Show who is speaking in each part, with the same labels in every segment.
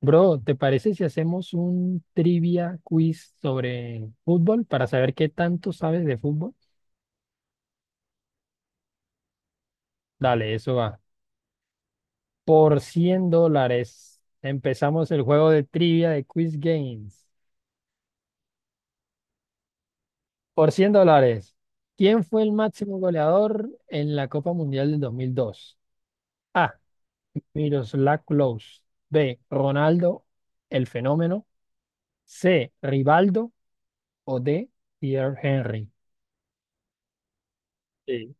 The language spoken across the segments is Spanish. Speaker 1: Bro, ¿te parece si hacemos un trivia quiz sobre fútbol para saber qué tanto sabes de fútbol? Dale, eso va. Por 100 dólares empezamos el juego de trivia de Quiz Games. Por 100 dólares, ¿quién fue el máximo goleador en la Copa Mundial del dos mil dos? A. Miroslav Klose. B. Ronaldo, el fenómeno. C. Rivaldo o D. Pierre Henry. Sí.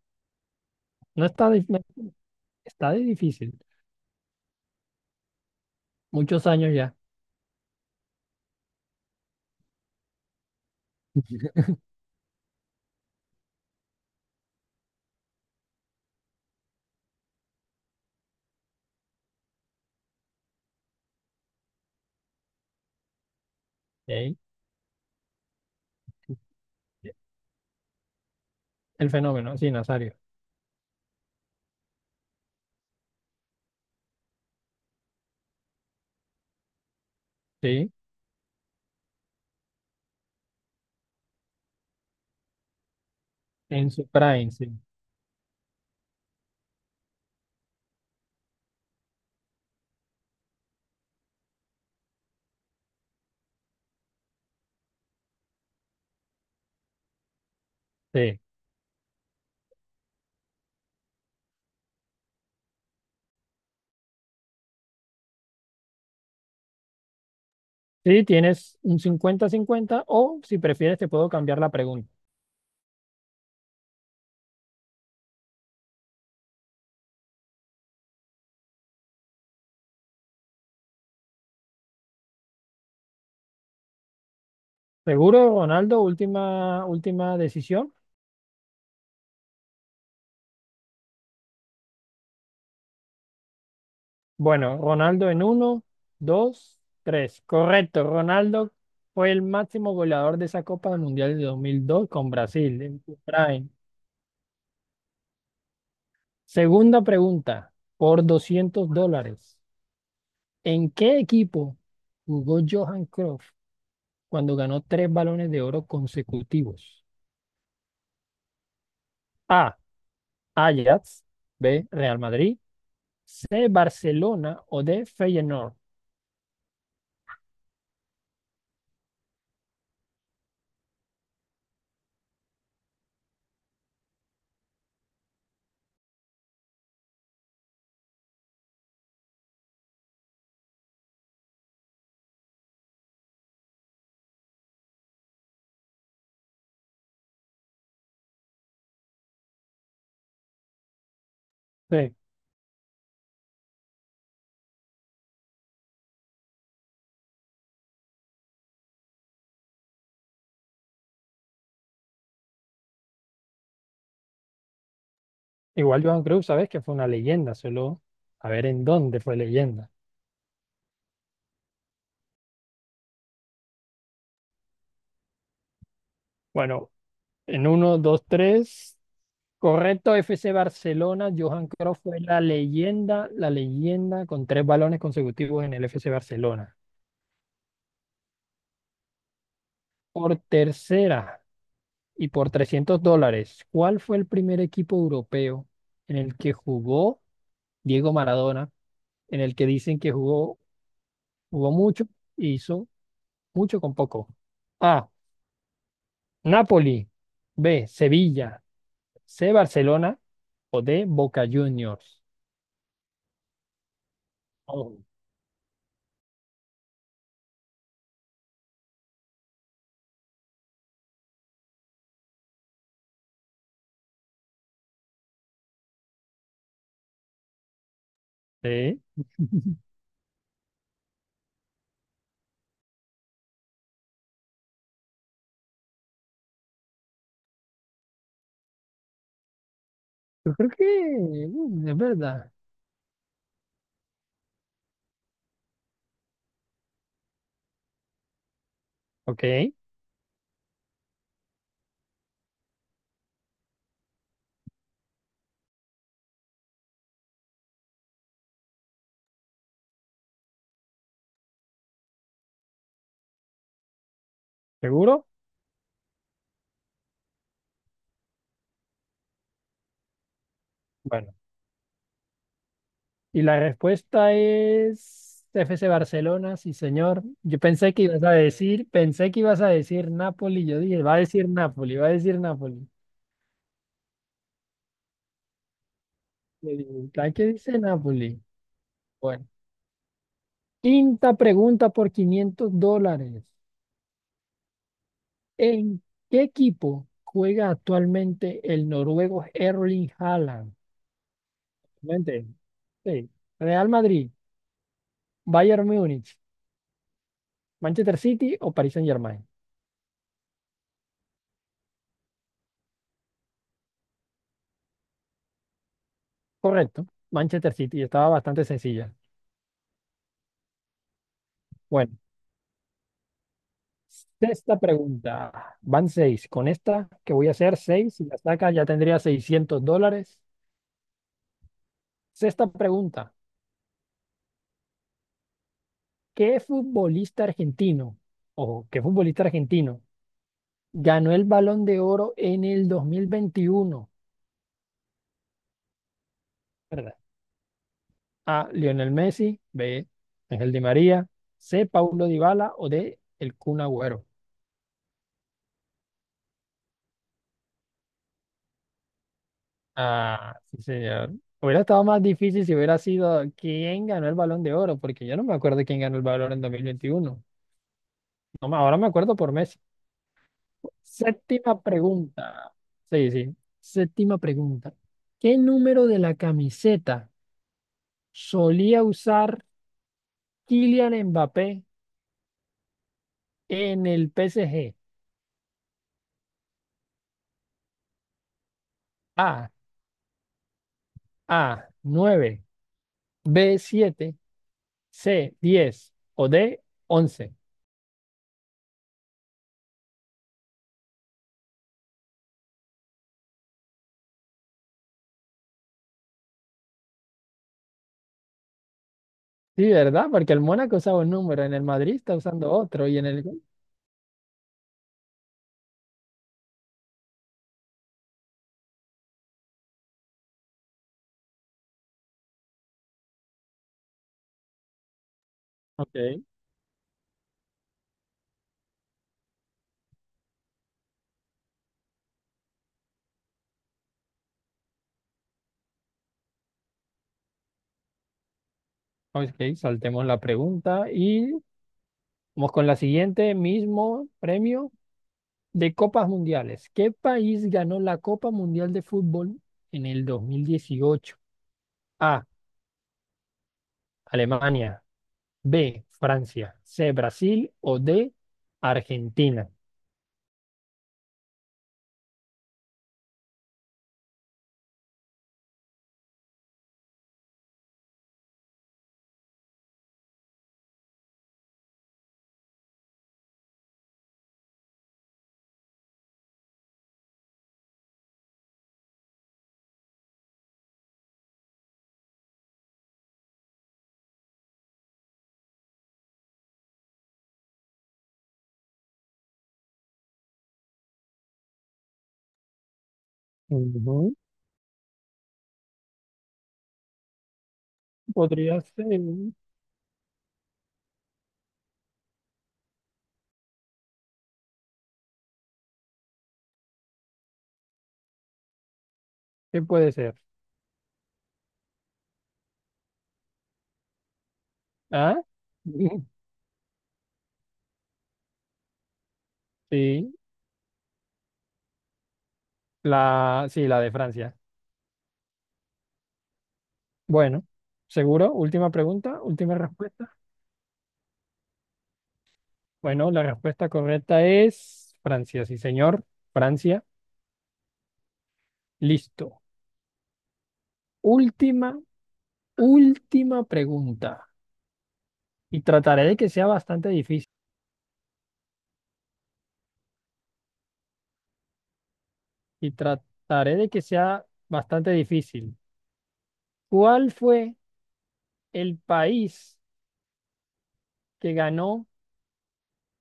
Speaker 1: No está de difícil. Muchos años ya. Ok. El fenómeno, sí, Nazario. Sí, en su prime, sí. Sí, sí, tienes un cincuenta cincuenta o si prefieres te puedo cambiar la pregunta. ¿Seguro, Ronaldo? Última, última decisión. Bueno, Ronaldo en uno, dos, tres. Correcto, Ronaldo fue el máximo goleador de esa Copa del Mundial de dos mil dos con Brasil en su prime. Segunda pregunta, por 200 dólares. ¿En qué equipo jugó Johan Cruyff cuando ganó tres balones de oro consecutivos? A. Ajax. B. Real Madrid. C. Barcelona o D. Feyenoord. Sí, igual Johan Cruyff, sabes que fue una leyenda, solo a ver en dónde fue leyenda. Bueno, en uno, dos, tres. Correcto, F C Barcelona. Johan Cruyff fue la leyenda con tres balones consecutivos en el F C Barcelona. Por tercera y por 300 dólares, ¿cuál fue el primer equipo europeo en el que jugó Diego Maradona, en el que dicen que jugó, jugó mucho e hizo mucho con poco? A. Napoli. B. Sevilla. C. Barcelona. O D. Boca Juniors. Oh. Sí. Yo creo que es verdad. Ok, ¿seguro? Bueno. Y la respuesta es FC Barcelona, sí, señor. Yo pensé que ibas a decir, pensé que ibas a decir Napoli. Yo dije, va a decir Napoli, va a decir Napoli. Le dije, ¿qué dice Napoli? Bueno, quinta pregunta por 500 dólares. ¿En qué equipo juega actualmente el noruego Erling Haaland? Mente. Sí. Real Madrid, Bayern Múnich, Manchester City o Paris Saint-Germain. Correcto. Manchester City. Estaba bastante sencilla. Bueno, sexta pregunta. Van seis. Con esta que voy a hacer seis, si la saca ya tendría 600 dólares. Sexta pregunta. ¿Qué futbolista argentino? Ojo, ¿qué futbolista argentino ganó el Balón de Oro en el dos mil veintiuno, ¿verdad? A. Lionel Messi, B. Ángel Di María, C. Paulo Dybala o D. El Kun Agüero. Ah, sí, señor. Hubiera estado más difícil si hubiera sido quién ganó el Balón de Oro, porque yo no me acuerdo quién ganó el Balón en 2021. No, me- ahora me acuerdo por Messi. Séptima pregunta. Sí, sí. Séptima pregunta. ¿Qué número de la camiseta solía usar Kylian Mbappé en el PSG? A, A, 9, B, 7, C, 10 o D, once. Sí, ¿verdad? Porque el Mónaco usaba un número, en el Madrid está usando otro y en el... Ok. Ok, saltemos la pregunta y vamos con la siguiente, mismo premio de Copas Mundiales. ¿Qué país ganó la Copa Mundial de Fútbol en el 2018? A, Alemania, B, Francia, C, Brasil o D, Argentina. Ujú. Podría ser. ¿Qué puede ser? ¿Ah? Sí, la, sí, la de Francia. Bueno, ¿seguro? Última pregunta, última respuesta. Bueno, la respuesta correcta es Francia, sí, señor. Francia, listo. Última, última pregunta. Y trataré de que sea bastante difícil. Y trataré de que sea bastante difícil. ¿Cuál fue el país que ganó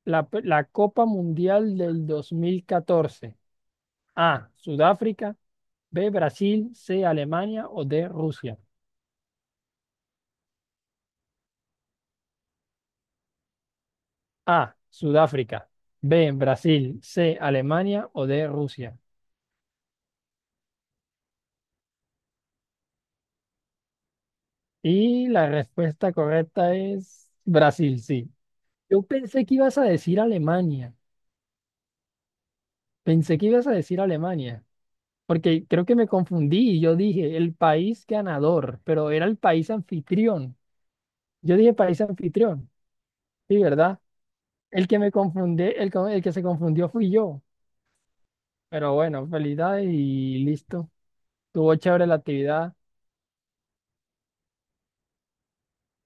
Speaker 1: la Copa Mundial del 2014? A. Sudáfrica. B, Brasil, C, Alemania o D, Rusia. A, Sudáfrica. B, Brasil, C, Alemania o D, Rusia. Y la respuesta correcta es Brasil, sí. Yo pensé que ibas a decir Alemania. Pensé que ibas a decir Alemania. Porque creo que me confundí y yo dije el país ganador, pero era el país anfitrión. Yo dije país anfitrión. Sí, ¿verdad? El que me confundí, el, co- el que se confundió fui yo. Pero bueno, felicidades y listo. Tuvo chévere la actividad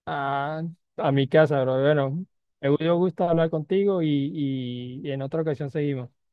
Speaker 1: a, a mi casa, pero bueno, me dio gusto hablar contigo y, y en otra ocasión seguimos.